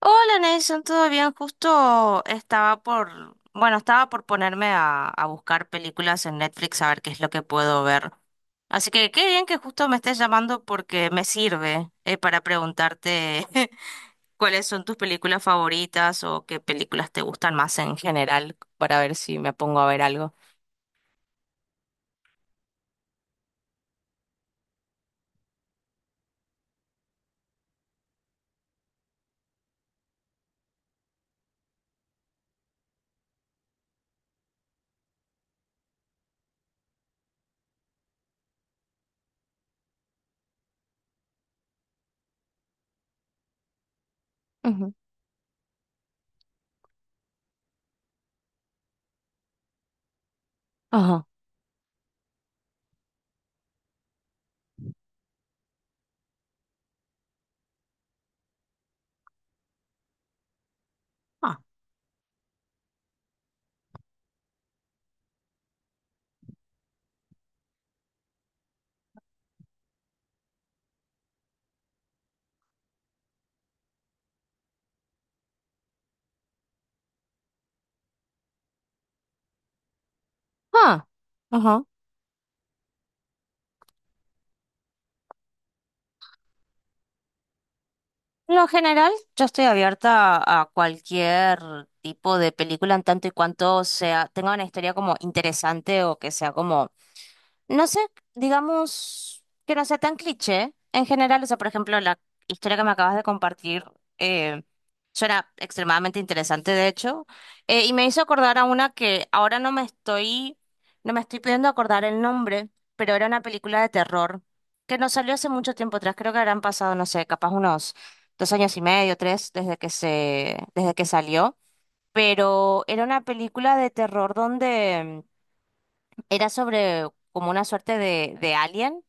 Hola Nelson, ¿todo bien? Justo bueno, estaba por ponerme a buscar películas en Netflix a ver qué es lo que puedo ver. Así que qué bien que justo me estés llamando porque me sirve para preguntarte cuáles son tus películas favoritas o qué películas te gustan más en general para ver si me pongo a ver algo. Ujú. Ajá. Ah. Ah. Ajá. En lo general, yo estoy abierta a cualquier tipo de película en tanto y cuanto sea, tenga una historia como interesante o que sea como no sé, digamos que no sea tan cliché. En general, o sea, por ejemplo, la historia que me acabas de compartir eh, suena extremadamente interesante, de hecho. Y me hizo acordar a una que ahora no me estoy pudiendo acordar el nombre, pero era una película de terror que nos salió hace mucho tiempo atrás. Creo que habrán pasado, no sé, capaz unos dos años y medio, tres, desde que salió. Pero era una película de terror donde era sobre como una suerte de alien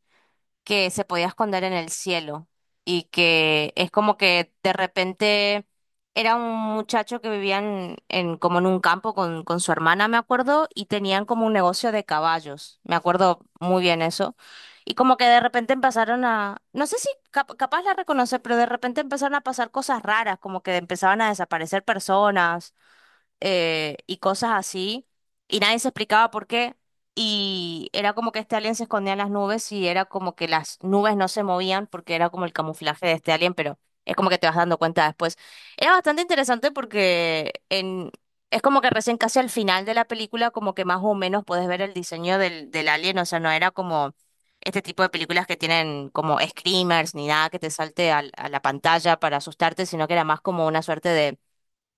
que se podía esconder en el cielo y que es como que de repente era un muchacho que vivía como en un campo con su hermana, me acuerdo, y tenían como un negocio de caballos, me acuerdo muy bien eso. Y como que de repente empezaron a, no sé si capaz la reconocer, pero de repente empezaron a pasar cosas raras, como que empezaban a desaparecer personas, y cosas así, y nadie se explicaba por qué, y era como que este alien se escondía en las nubes y era como que las nubes no se movían porque era como el camuflaje de este alien, pero es como que te vas dando cuenta después. Era bastante interesante porque es como que recién casi al final de la película como que más o menos puedes ver el diseño del, alien. O sea, no era como este tipo de películas que tienen como screamers ni nada que te salte a la pantalla para asustarte, sino que era más como una suerte de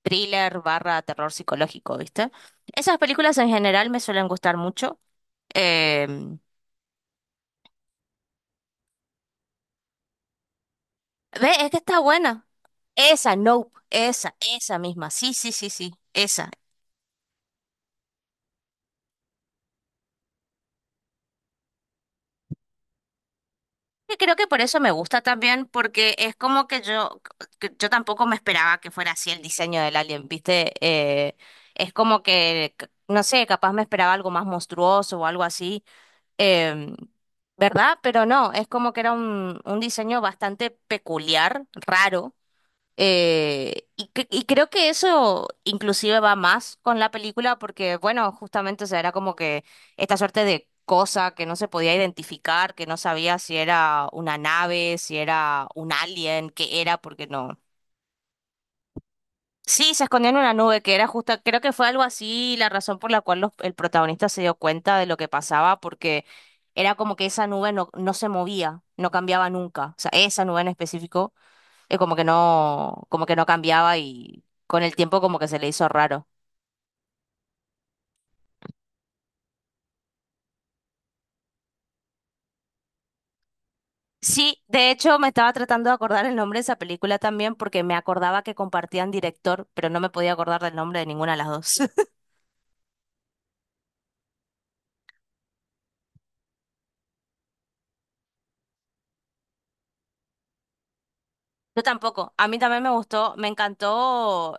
thriller barra terror psicológico, ¿viste? Esas películas en general me suelen gustar mucho. Em, Ve, es que está buena. Esa, Nope, esa misma. Sí, sí, sí, sí, esa. Y creo que por eso me gusta también, porque es como que que yo tampoco me esperaba que fuera así el diseño del alien, ¿viste? Es como que, no sé, capaz me esperaba algo más monstruoso o algo así. Em, ¿Verdad? Pero no, es como que era un diseño bastante peculiar, raro. Y creo que eso inclusive va más con la película porque, bueno, justamente, o sea, era como que esta suerte de cosa que no se podía identificar, que no sabía si era una nave, si era un alien, qué era, porque no. Sí, se escondía en una nube, que era creo que fue algo así la razón por la cual el protagonista se dio cuenta de lo que pasaba, porque era como que esa nube no se movía, no cambiaba nunca, o sea, esa nube en específico, como que no cambiaba y con el tiempo como que se le hizo raro. Sí, de hecho me estaba tratando de acordar el nombre de esa película también porque me acordaba que compartían director, pero no me podía acordar del nombre de ninguna de las dos. Yo tampoco. A mí también me gustó, me encantó.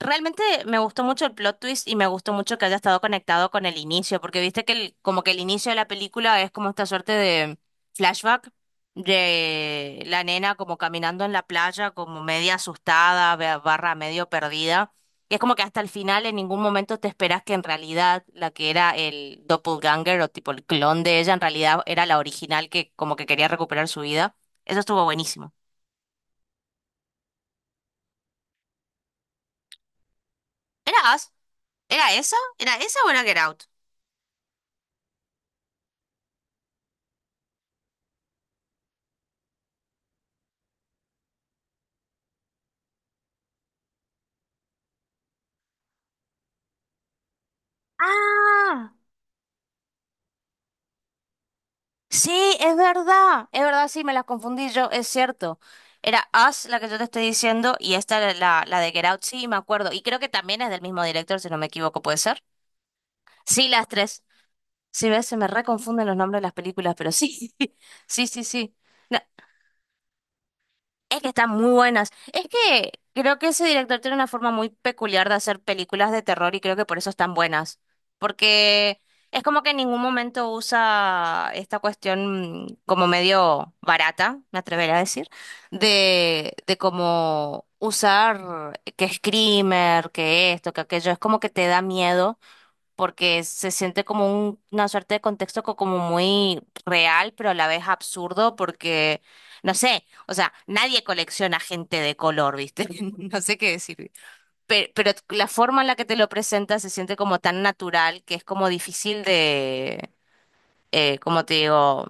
Realmente me gustó mucho el plot twist y me gustó mucho que haya estado conectado con el inicio, porque viste que como que el inicio de la película es como esta suerte de flashback de la nena como caminando en la playa, como media asustada, barra medio perdida. Y es como que hasta el final en ningún momento te esperas que en realidad la que era el doppelganger o tipo el clon de ella en realidad era la original que como que quería recuperar su vida. Eso estuvo buenísimo. ¿Era Us? ¿Era esa o era Get Out? ¡Ah! Sí, es verdad, sí, me las confundí yo, es cierto. Era Us la que yo te estoy diciendo y esta era la, de Get Out, sí, me acuerdo. Y creo que también es del mismo director, si no me equivoco, ¿puede ser? Sí, las tres. Sí, ves, se me reconfunden los nombres de las películas, pero sí, sí, sí, sí. No, es que están muy buenas. Es que creo que ese director tiene una forma muy peculiar de hacer películas de terror y creo que por eso están buenas. Porque es como que en ningún momento usa esta cuestión como medio barata, me atrevería a decir, de como usar que screamer, que esto, que aquello. Es como que te da miedo porque se siente como una suerte de contexto como muy real, pero a la vez absurdo, porque, no sé, o sea, nadie colecciona gente de color, ¿viste? No sé qué decir. Pero la forma en la que te lo presenta se siente como tan natural que es como difícil de, como te digo,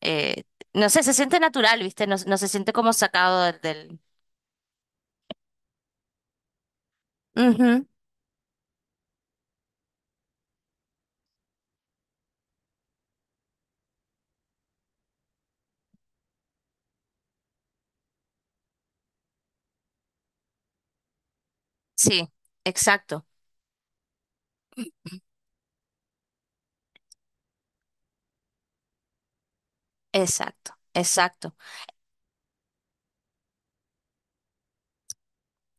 eh, no sé, se siente natural, ¿viste? No, no se siente como sacado del, del-. Ujú. Sí, exacto, exacto, exacto.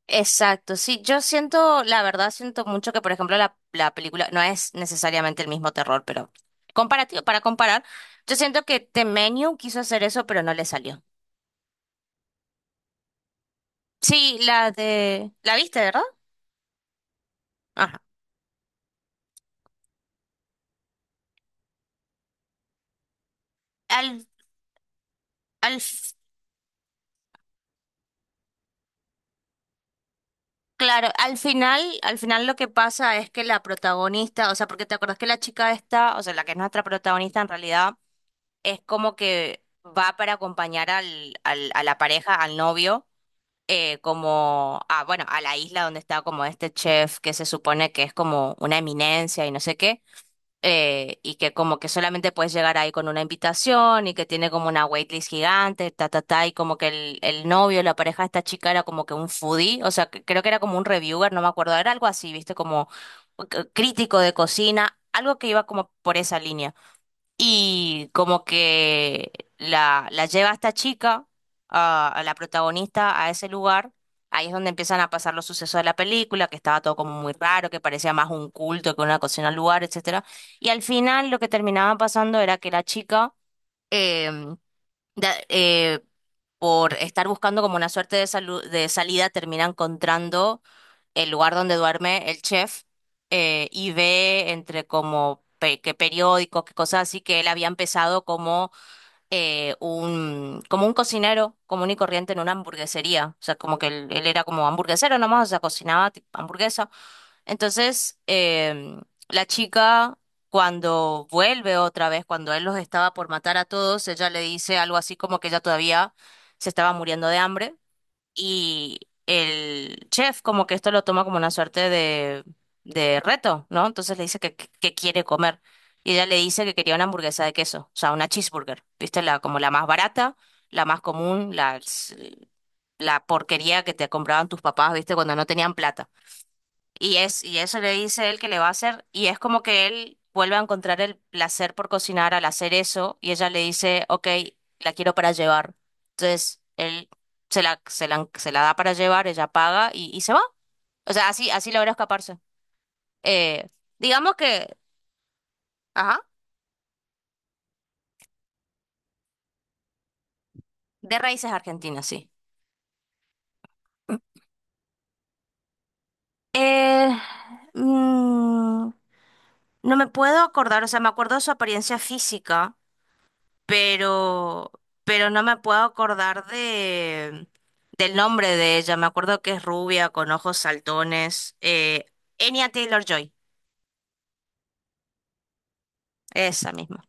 Exacto, sí, yo siento, la verdad siento mucho que, por ejemplo, la, película no es necesariamente el mismo terror, pero para comparar, yo siento que The Menu quiso hacer eso, pero no le salió. Sí, ¿la viste, verdad? Ajá. Al, al, f- claro, al final, lo que pasa es que la protagonista, o sea, porque te acuerdas que la chica esta, o sea, la que es nuestra protagonista en realidad, es como que va para acompañar a la pareja, al novio, como bueno, a la isla donde está como este chef que se supone que es como una eminencia y no sé qué, y que como que solamente puedes llegar ahí con una invitación y que tiene como una waitlist gigante, ta, ta, ta, y como que el, novio, la pareja de esta chica era como que un foodie, o sea, creo que era como un reviewer, no me acuerdo, era algo así, viste, como crítico de cocina, algo que iba como por esa línea. Y como que la lleva a esta chica, a la protagonista, a ese lugar. Ahí es donde empiezan a pasar los sucesos de la película, que estaba todo como muy raro, que parecía más un culto que una cocina al lugar, etcétera. Y al final lo que terminaba pasando era que la chica eh, da- eh, por estar buscando como una suerte de, de salida, termina encontrando el lugar donde duerme el chef, y ve entre como que periódicos, que cosas así, que él había empezado como, como un cocinero común y corriente en una hamburguesería. O sea, como que él era como hamburguesero nomás, o sea, cocinaba tipo, hamburguesas entonces, la chica, cuando vuelve otra vez, cuando él los estaba por matar a todos, ella le dice algo así como que ella todavía se estaba muriendo de hambre. Y el chef como que esto lo toma como una suerte de, reto, ¿no? Entonces le dice que quiere comer. Y ella le dice que quería una hamburguesa de queso, o sea, una cheeseburger, ¿viste? Como la más barata, la más común, la porquería que te compraban tus papás, ¿viste? Cuando no tenían plata. Y eso le dice él que le va a hacer, y es como que él vuelve a encontrar el placer por cocinar al hacer eso, y ella le dice, ok, la quiero para llevar. Entonces, él se la da para llevar, ella paga y se va. O sea, así, así logra escaparse. Eh, digamos que, ajá, de raíces argentinas, sí. Eh, mm, no me puedo acordar, o sea, me acuerdo de su apariencia física. pero, pero no me puedo acordar del nombre de ella. Me acuerdo que es rubia, con ojos saltones. Anya Taylor-Joy, esa misma.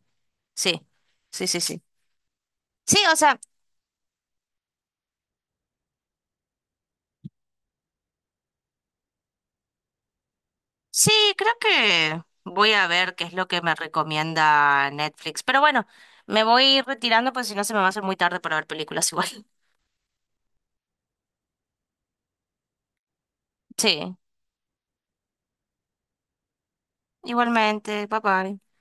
Sí, sí, sí, sí. Sí, o sea, sí, creo que voy a ver qué es lo que me recomienda Netflix. Pero bueno, me voy retirando, pues si no se me va a hacer muy tarde para ver películas igual. Sí, igualmente, bye bye.